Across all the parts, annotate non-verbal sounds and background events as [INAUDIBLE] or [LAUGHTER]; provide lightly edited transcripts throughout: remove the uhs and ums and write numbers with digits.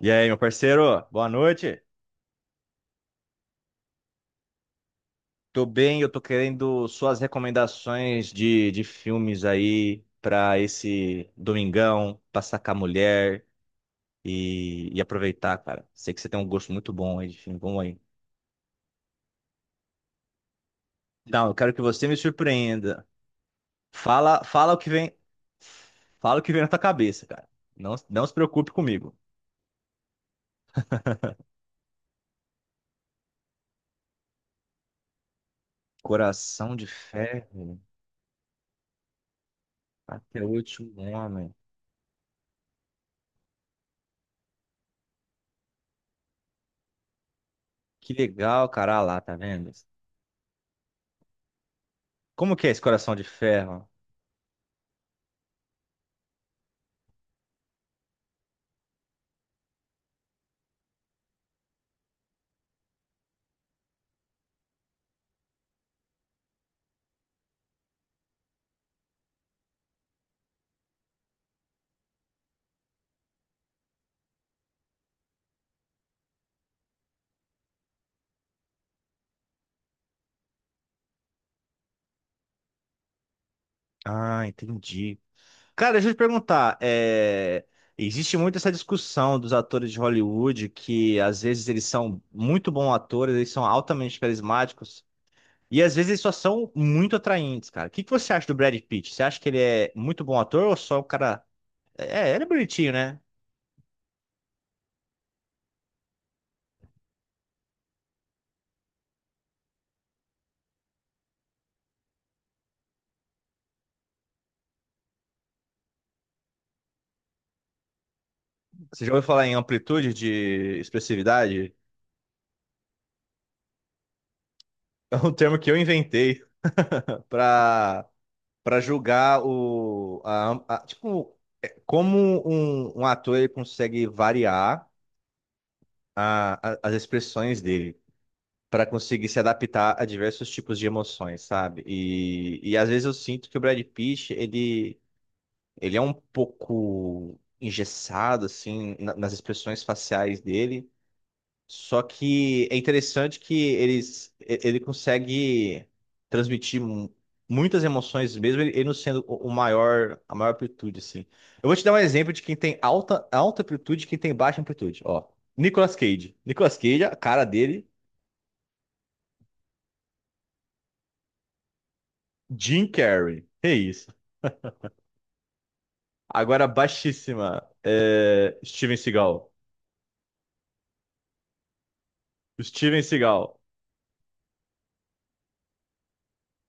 E aí, meu parceiro, boa noite. Tô bem, eu tô querendo suas recomendações de filmes aí pra esse domingão, passar com a mulher e aproveitar, cara. Sei que você tem um gosto muito bom aí de filme, vamos aí. Então, eu quero que você me surpreenda. Fala o que vem, fala o que vem na tua cabeça, cara. Não se preocupe comigo. Coração de ferro, até o último homem. Que legal, cara, ah lá, tá vendo? Como que é esse coração de ferro? Ah, entendi. Cara, deixa eu te perguntar, existe muito essa discussão dos atores de Hollywood que às vezes eles são muito bons atores, eles são altamente carismáticos e às vezes eles só são muito atraentes, cara. O que que você acha do Brad Pitt? Você acha que ele é muito bom ator ou só o cara... É, ele é bonitinho, né? Você já ouviu falar em amplitude de expressividade? [LAUGHS] É um termo que eu inventei para julgar tipo como um ator ele consegue variar as expressões dele para conseguir se adaptar a diversos tipos de emoções, sabe? E às vezes eu sinto que o Brad Pitt ele é um pouco engessado assim nas expressões faciais dele. Só que é interessante que ele consegue transmitir muitas emoções mesmo, ele não sendo o maior, a maior amplitude, assim. Eu vou te dar um exemplo de quem tem alta amplitude e quem tem baixa amplitude, ó. Nicolas Cage. Nicolas Cage, a cara dele, Jim Carrey. É isso. Agora, baixíssima, Steven Seagal. Steven Seagal.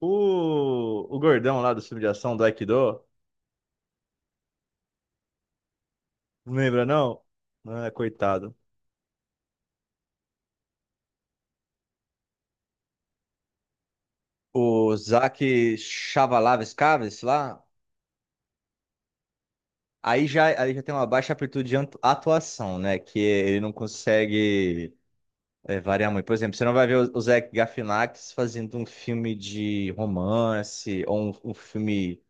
O gordão lá do filme de ação, do Aikido, não lembra não? Ah, coitado. O Zach Chavalavas-Caves lá, aí já tem uma baixa amplitude de atuação, né? Que ele não consegue variar muito. Por exemplo, você não vai ver o Zach Galifianakis fazendo um filme de romance ou um filme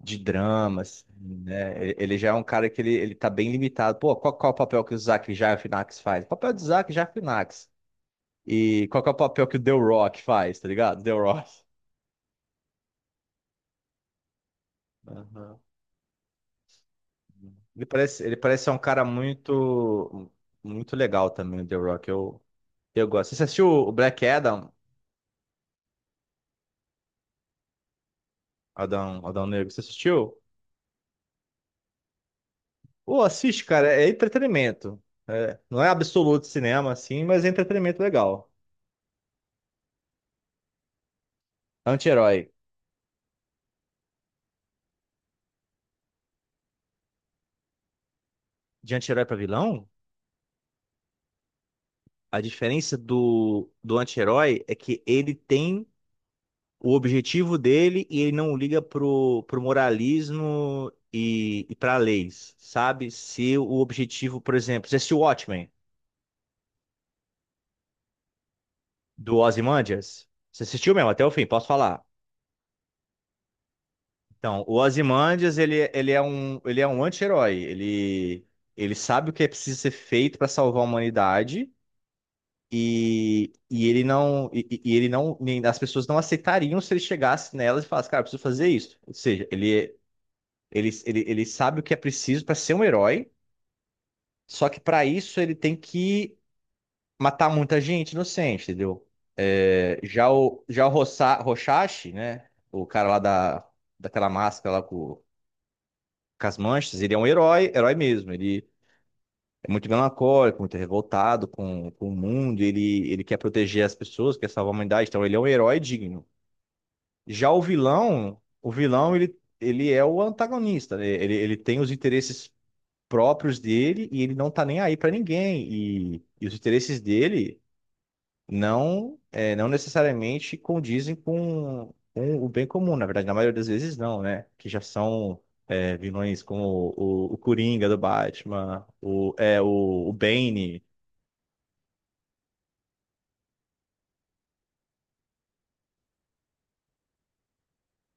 de drama, assim, né? Ele já é um cara que ele tá bem limitado. Pô, qual é o papel que o Zach Galifianakis faz? O papel do Zach Galifianakis. E qual que é o papel que o The Rock faz, tá ligado? The Rock. Ele parece ser um cara muito, muito legal também, o The Rock. Eu gosto. Você assistiu o Black Adam? Adão Negro, você assistiu? Pô, assiste, cara. É entretenimento. É, não é absoluto cinema, assim, mas é entretenimento legal. Anti-herói. De anti-herói pra vilão, a diferença do anti-herói é que ele tem o objetivo dele e ele não liga pro moralismo e pra leis, sabe? Se o objetivo, por exemplo, você assistiu Watchmen? Do Ozymandias? Você assistiu mesmo até o fim, posso falar. Então, o Ozymandias, ele é um, ele é um anti-herói. Ele sabe o que é preciso ser feito para salvar a humanidade e ele não, as pessoas não aceitariam se ele chegasse nelas e falasse, cara, eu preciso fazer isso. Ou seja, ele sabe o que é preciso para ser um herói, só que para isso ele tem que matar muita gente inocente, entendeu? É, já o Roshashi, né? O cara lá da, daquela máscara lá com as manchas, ele é um herói, herói mesmo. Ele é muito melancólico, muito revoltado com o mundo. Ele quer proteger as pessoas, quer salvar a humanidade. Então ele é um herói digno. Já o vilão, ele é o antagonista, né? Ele tem os interesses próprios dele e ele não tá nem aí pra ninguém. E os interesses dele. Não necessariamente condizem com o bem comum. Na verdade, na maioria das vezes não, né? Que já são vilões como o Coringa do Batman, o Bane.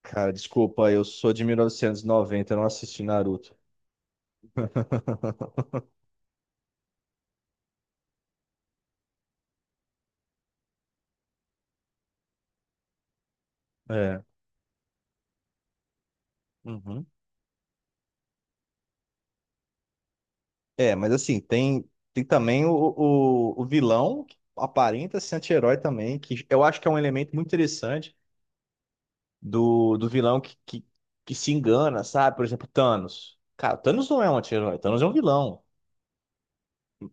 Cara, desculpa, eu sou de 1990, eu não assisti Naruto. [LAUGHS] É. Uhum. É, mas assim, tem, tem também o vilão que aparenta ser anti-herói também, que eu acho que é um elemento muito interessante do vilão que se engana, sabe? Por exemplo, Thanos. Cara, Thanos não é um anti-herói, Thanos é um vilão.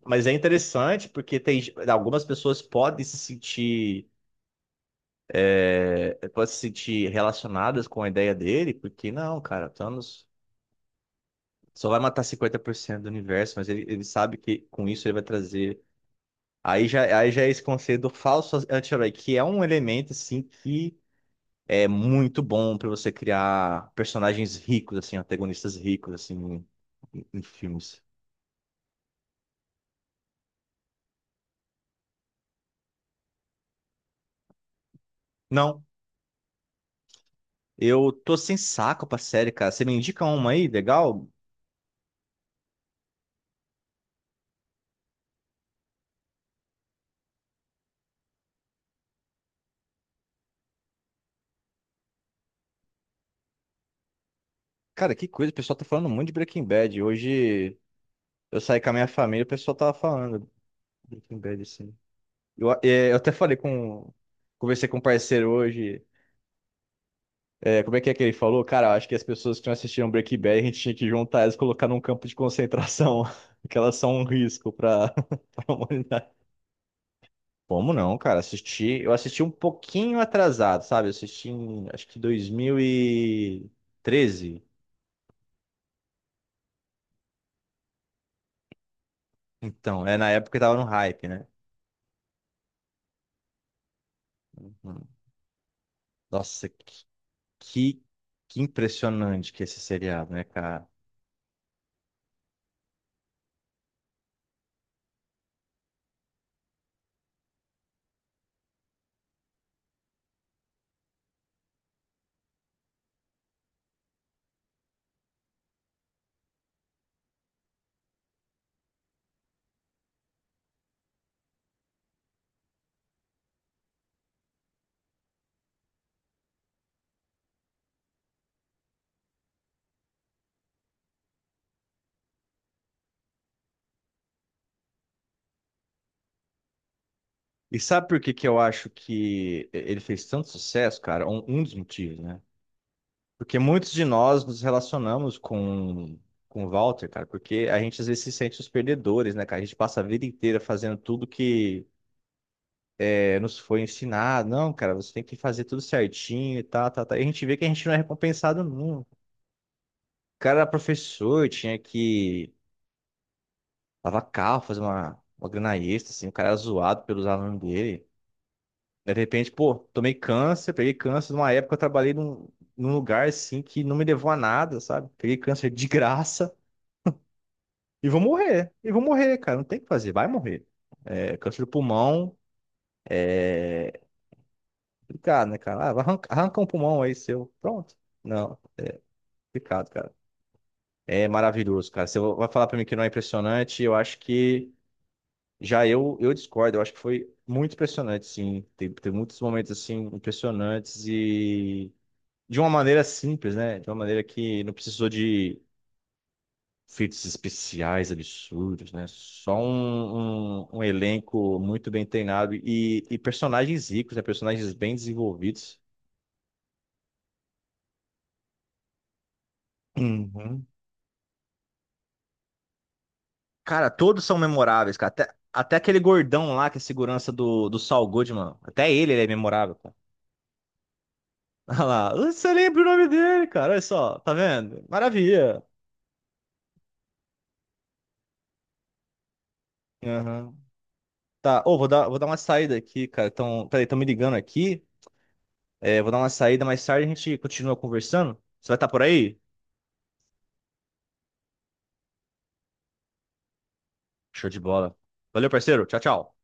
Mas é interessante porque tem algumas pessoas podem se sentir, podem se sentir relacionadas com a ideia dele, porque não, cara, Thanos só vai matar 50% do universo, mas ele sabe que com isso ele vai trazer. Aí já é esse conceito do falso anti-herói, que é um elemento assim que é muito bom para você criar personagens ricos, assim, antagonistas ricos, assim, em filmes. Não, eu tô sem saco pra série, cara. Você me indica uma aí, legal? Cara, que coisa, o pessoal tá falando muito de Breaking Bad. Hoje eu saí com a minha família, o pessoal tava falando de Breaking Bad, assim. Eu até falei com. Conversei com um parceiro hoje. Como é que ele falou? Cara, eu acho que as pessoas que não assistiram Breaking Bad, a gente tinha que juntar elas e colocar num campo de concentração, [LAUGHS] que elas são um risco pra, [LAUGHS] pra humanidade. Como não, cara? Assisti, eu assisti um pouquinho atrasado, sabe? Eu assisti em, acho que 2013. Então, é na época que tava no hype, né? Hum. Nossa, que, que impressionante que é esse seriado, né, cara? E sabe por que que eu acho que ele fez tanto sucesso, cara? Um dos motivos, né? Porque muitos de nós nos relacionamos com o Walter, cara, porque a gente às vezes se sente os perdedores, né, cara? A gente passa a vida inteira fazendo tudo que nos foi ensinado, não, cara, você tem que fazer tudo certinho e tal, tal, tal. E a gente vê que a gente não é recompensado nunca. O cara era professor, tinha que lavar carro, fazer uma grana extra, assim, o cara era zoado pelos alunos dele. Aí, de repente, pô, tomei câncer, peguei câncer numa época, eu trabalhei num, num lugar, assim, que não me levou a nada, sabe? Peguei câncer de graça e vou morrer, cara, não tem o que fazer, vai morrer. É, câncer do pulmão, complicado, né, cara? Ah, vai arranca, arranca um pulmão aí seu, pronto. Não, complicado, cara. É maravilhoso, cara. Você vai falar pra mim que não é impressionante, eu acho que eu discordo. Eu acho que foi muito impressionante, sim. Tem muitos momentos assim impressionantes e de uma maneira simples, né? De uma maneira que não precisou de efeitos especiais absurdos, né? Só um elenco muito bem treinado e personagens ricos, né? Personagens bem desenvolvidos. Uhum. Cara, todos são memoráveis, cara. Até aquele gordão lá que é segurança do Saul Goodman. Até ele é memorável, cara. [LAUGHS] Olha lá. Você lembra o nome dele, cara. Olha só. Tá vendo? Maravilha. Aham. Tá. Ô, vou dar uma saída aqui, cara. Então, peraí, estão me ligando aqui. É, vou dar uma saída mais tarde. A gente continua conversando. Você vai estar por aí? Show de bola. Valeu, parceiro. Tchau, tchau.